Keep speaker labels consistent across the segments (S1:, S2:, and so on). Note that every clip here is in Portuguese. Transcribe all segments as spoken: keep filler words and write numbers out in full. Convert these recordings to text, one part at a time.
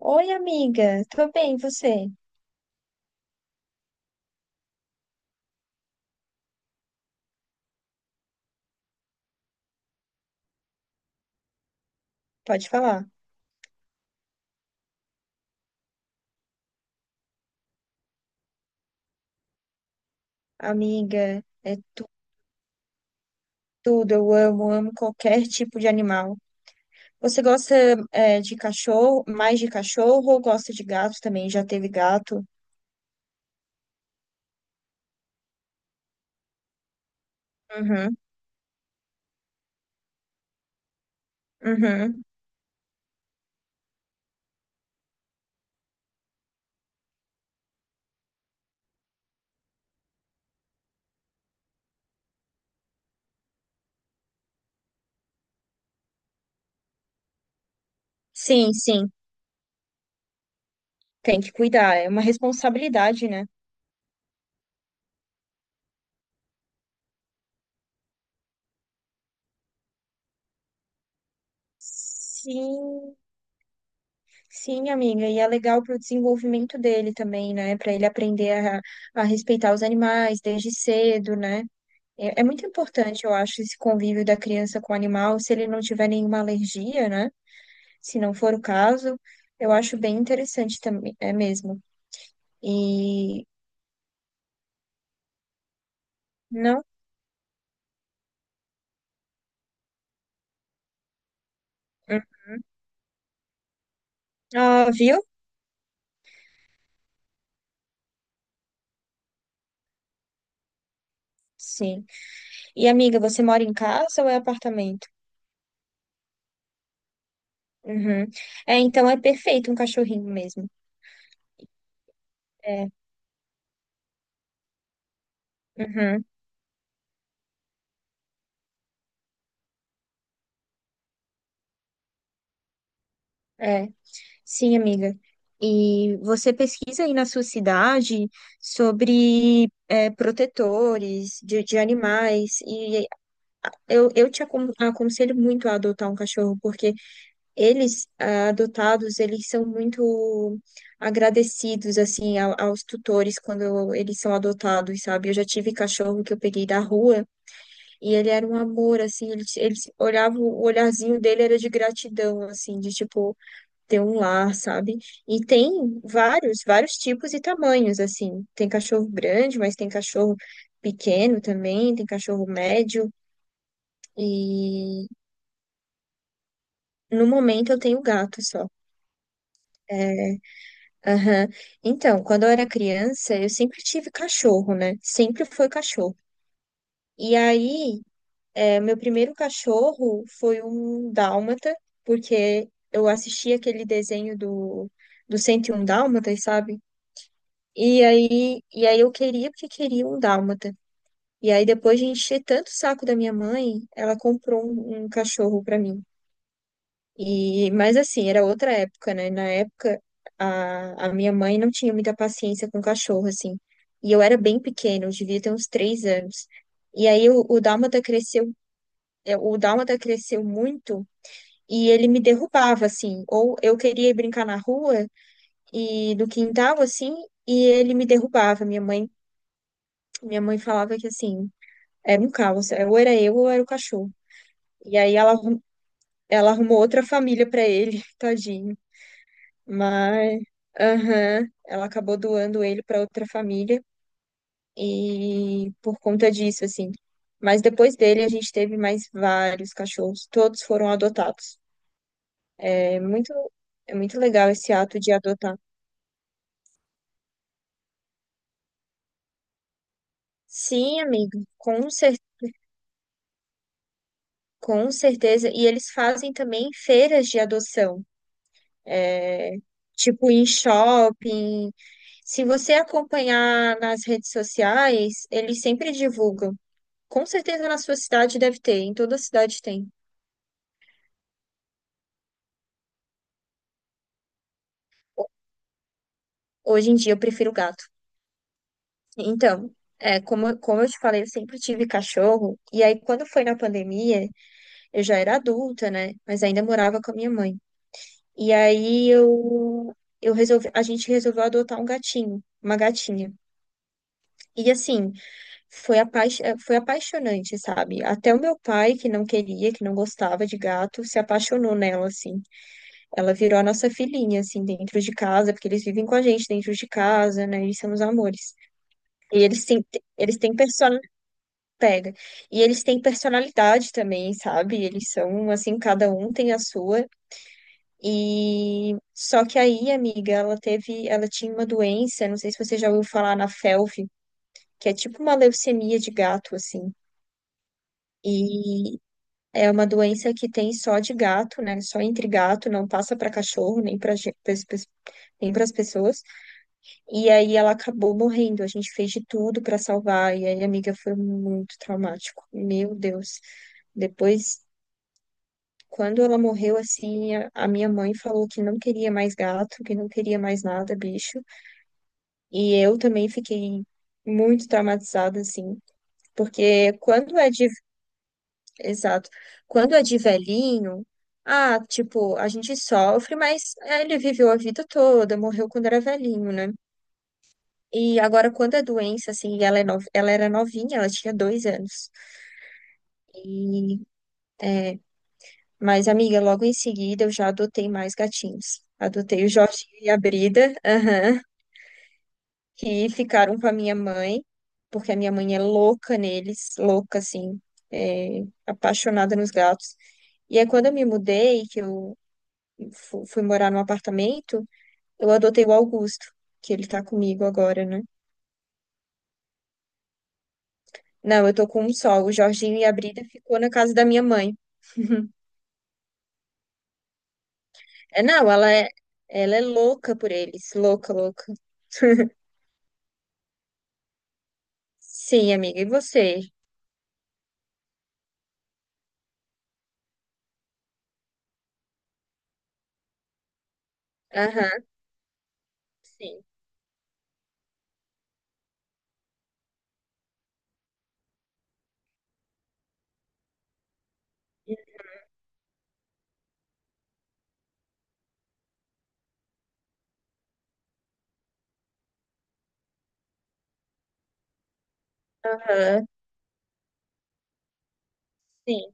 S1: Oi, amiga. Tô bem, e você? Pode falar. Amiga, é tu- tudo. Eu amo, amo qualquer tipo de animal. Você gosta, é, de cachorro, mais de cachorro ou gosta de gato também? Já teve gato? Uhum, uhum. Sim, sim. Tem que cuidar. É uma responsabilidade, né? Sim, sim, amiga. E é legal para o desenvolvimento dele também, né? Para ele aprender a, a respeitar os animais desde cedo, né? É, é muito importante, eu acho, esse convívio da criança com o animal, se ele não tiver nenhuma alergia, né? Se não for o caso, eu acho bem interessante também, é mesmo. E não? Hum. Ah, viu? Sim. E amiga, você mora em casa ou é apartamento? Uhum. É, então é perfeito um cachorrinho mesmo. É. Uhum. É. Sim, amiga. E você pesquisa aí na sua cidade sobre é, protetores de, de animais e Eu, eu te acon- aconselho muito a adotar um cachorro, porque eles, ah, adotados, eles são muito agradecidos, assim, ao- aos tutores quando eles são adotados, sabe? Eu já tive cachorro que eu peguei da rua e ele era um amor, assim, ele, ele se- olhava, o olharzinho dele era de gratidão, assim, de, tipo, ter um lar, sabe? E tem vários, vários tipos e tamanhos, assim. Tem cachorro grande, mas tem cachorro pequeno também, tem cachorro médio, e no momento eu tenho gato só. É, aham. Então, quando eu era criança, eu sempre tive cachorro, né? Sempre foi cachorro. E aí, é, meu primeiro cachorro foi um dálmata, porque eu assisti aquele desenho do, do cento e um Dálmatas, sabe? E aí, e aí eu queria porque queria um dálmata. E aí, depois de encher tanto o saco da minha mãe, ela comprou um, um cachorro pra mim. E, mas assim, era outra época, né? Na época, a, a minha mãe não tinha muita paciência com cachorro, assim. E eu era bem pequena, eu devia ter uns três anos. E aí o, o Dálmata cresceu, é, o Dálmata cresceu muito e ele me derrubava, assim. Ou eu queria ir brincar na rua e no quintal, assim, e ele me derrubava. Minha mãe, minha mãe falava que, assim, era um caos. Ou era eu ou era o cachorro. E aí ela, arrum- ela arrumou outra família para ele, tadinho. Mas, aham, ela acabou doando ele para outra família e por conta disso, assim. Mas depois dele a gente teve mais vários cachorros, todos foram adotados. É muito, é muito legal esse ato de adotar. Sim, amigo, com cer com certeza. E eles fazem também feiras de adoção, é, tipo em shopping. Se você acompanhar nas redes sociais, eles sempre divulgam. Com certeza na sua cidade deve ter, em toda cidade tem. Ho- Hoje em dia eu prefiro gato. Então, é, como, como eu te falei, eu sempre tive cachorro, e aí quando foi na pandemia, eu já era adulta, né? Mas ainda morava com a minha mãe. E aí eu, eu resolvi, a gente resolveu adotar um gatinho, uma gatinha. E assim, foi, apaix, eh, foi apaixonante, sabe? Até o meu pai, que não queria, que não gostava de gato, se apaixonou nela, assim. Ela virou a nossa filhinha, assim, dentro de casa, porque eles vivem com a gente dentro de casa, né? Eles são os amores. E eles têm, eles têm persona... Pega. E eles têm personalidade também, sabe? Eles são, assim, cada um tem a sua. E só que aí, amiga, ela teve, ela tinha uma doença, não sei se você já ouviu falar na F E L V, que é tipo uma leucemia de gato, assim. E é uma doença que tem só de gato, né? Só entre gato, não passa para cachorro, nem para nem para as pessoas. E aí ela acabou morrendo. A gente fez de tudo para salvar. E aí, amiga, foi muito traumático. Meu Deus. Depois, quando ela morreu, assim, a a minha mãe falou que não queria mais gato, que não queria mais nada, bicho. E eu também fiquei muito traumatizada, assim. Porque quando é de, exato, quando é de velhinho, ah, tipo, a gente sofre, mas ele viveu a vida toda, morreu quando era velhinho, né? E agora, quando a doença, assim, e ela, é nova, ela era novinha, ela tinha dois anos. E, é, mas, amiga, logo em seguida eu já adotei mais gatinhos. Adotei o Jorginho e a Brida, aham, que ficaram com a minha mãe, porque a minha mãe é louca neles, louca, assim, é, apaixonada nos gatos. E aí, quando eu me mudei, que eu fu- fui morar num apartamento, eu adotei o Augusto, que ele tá comigo agora, né? Não, eu tô com um só. O Jorginho e a Brida ficou na casa da minha mãe. É, não, ela é, ela é louca por eles. Louca, louca. Sim, amiga. E você? Aham, sim. Aham, sim.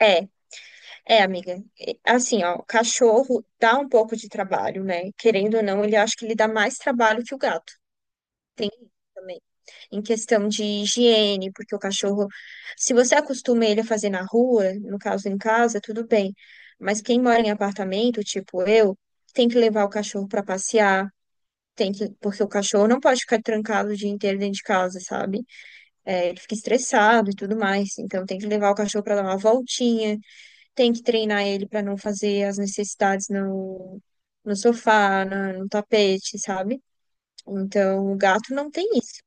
S1: É, é, amiga. E, assim, ó, o cachorro dá um pouco de trabalho, né? Querendo ou não, ele acho que ele dá mais trabalho que o gato. Tem isso também. Em questão de higiene, porque o cachorro, se você acostuma ele a fazer na rua, no caso em casa, tudo bem. Mas quem mora em apartamento, tipo eu, tem que levar o cachorro para passear. tem que, porque o cachorro não pode ficar trancado o dia inteiro dentro de casa, sabe? É, ele fica estressado e tudo mais. Então tem que levar o cachorro para dar uma voltinha, tem que treinar ele para não fazer as necessidades no, no sofá, na- no tapete, sabe? Então o gato não tem isso.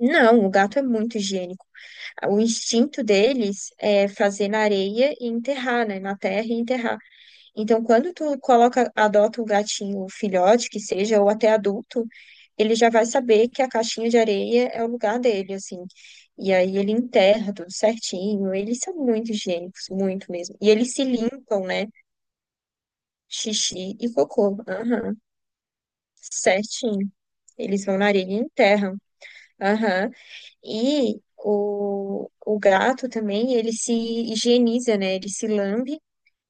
S1: Não, o gato é muito higiênico. O instinto deles é fazer na areia e enterrar, né? Na terra e enterrar. Então, quando tu coloca, adota um gatinho filhote, que seja, ou até adulto, ele já vai saber que a caixinha de areia é o lugar dele, assim. E aí ele enterra tudo certinho. Eles são muito higiênicos, muito mesmo. E eles se limpam, né? Xixi e cocô. Aham, certinho. Eles vão na areia e enterram. Aham. E o, o gato também, ele se higieniza, né? Ele se lambe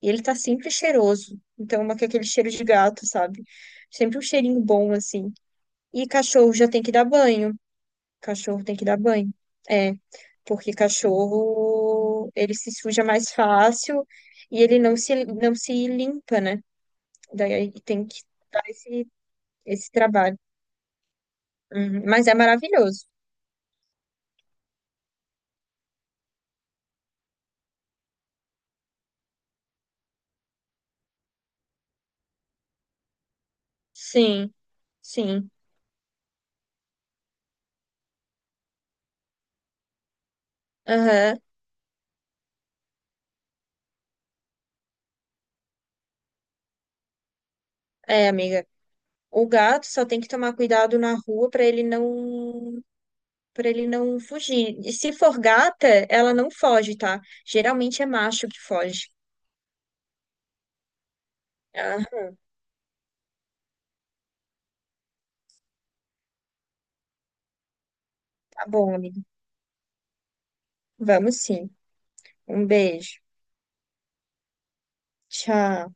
S1: e ele tá sempre cheiroso. Então, uma que é aquele cheiro de gato, sabe? Sempre um cheirinho bom, assim. E cachorro já tem que dar banho. Cachorro tem que dar banho. É, porque cachorro, ele se suja mais fácil e ele não se, não se limpa, né? Daí tem que dar esse, esse trabalho. Uhum. Mas é maravilhoso. Sim, sim. Aham. É, amiga. O gato só tem que tomar cuidado na rua para ele não pra ele não fugir. E se for gata, ela não foge, tá? Geralmente é macho que foge. Aham, tá bom, amigo. Vamos sim. Um beijo. Tchau.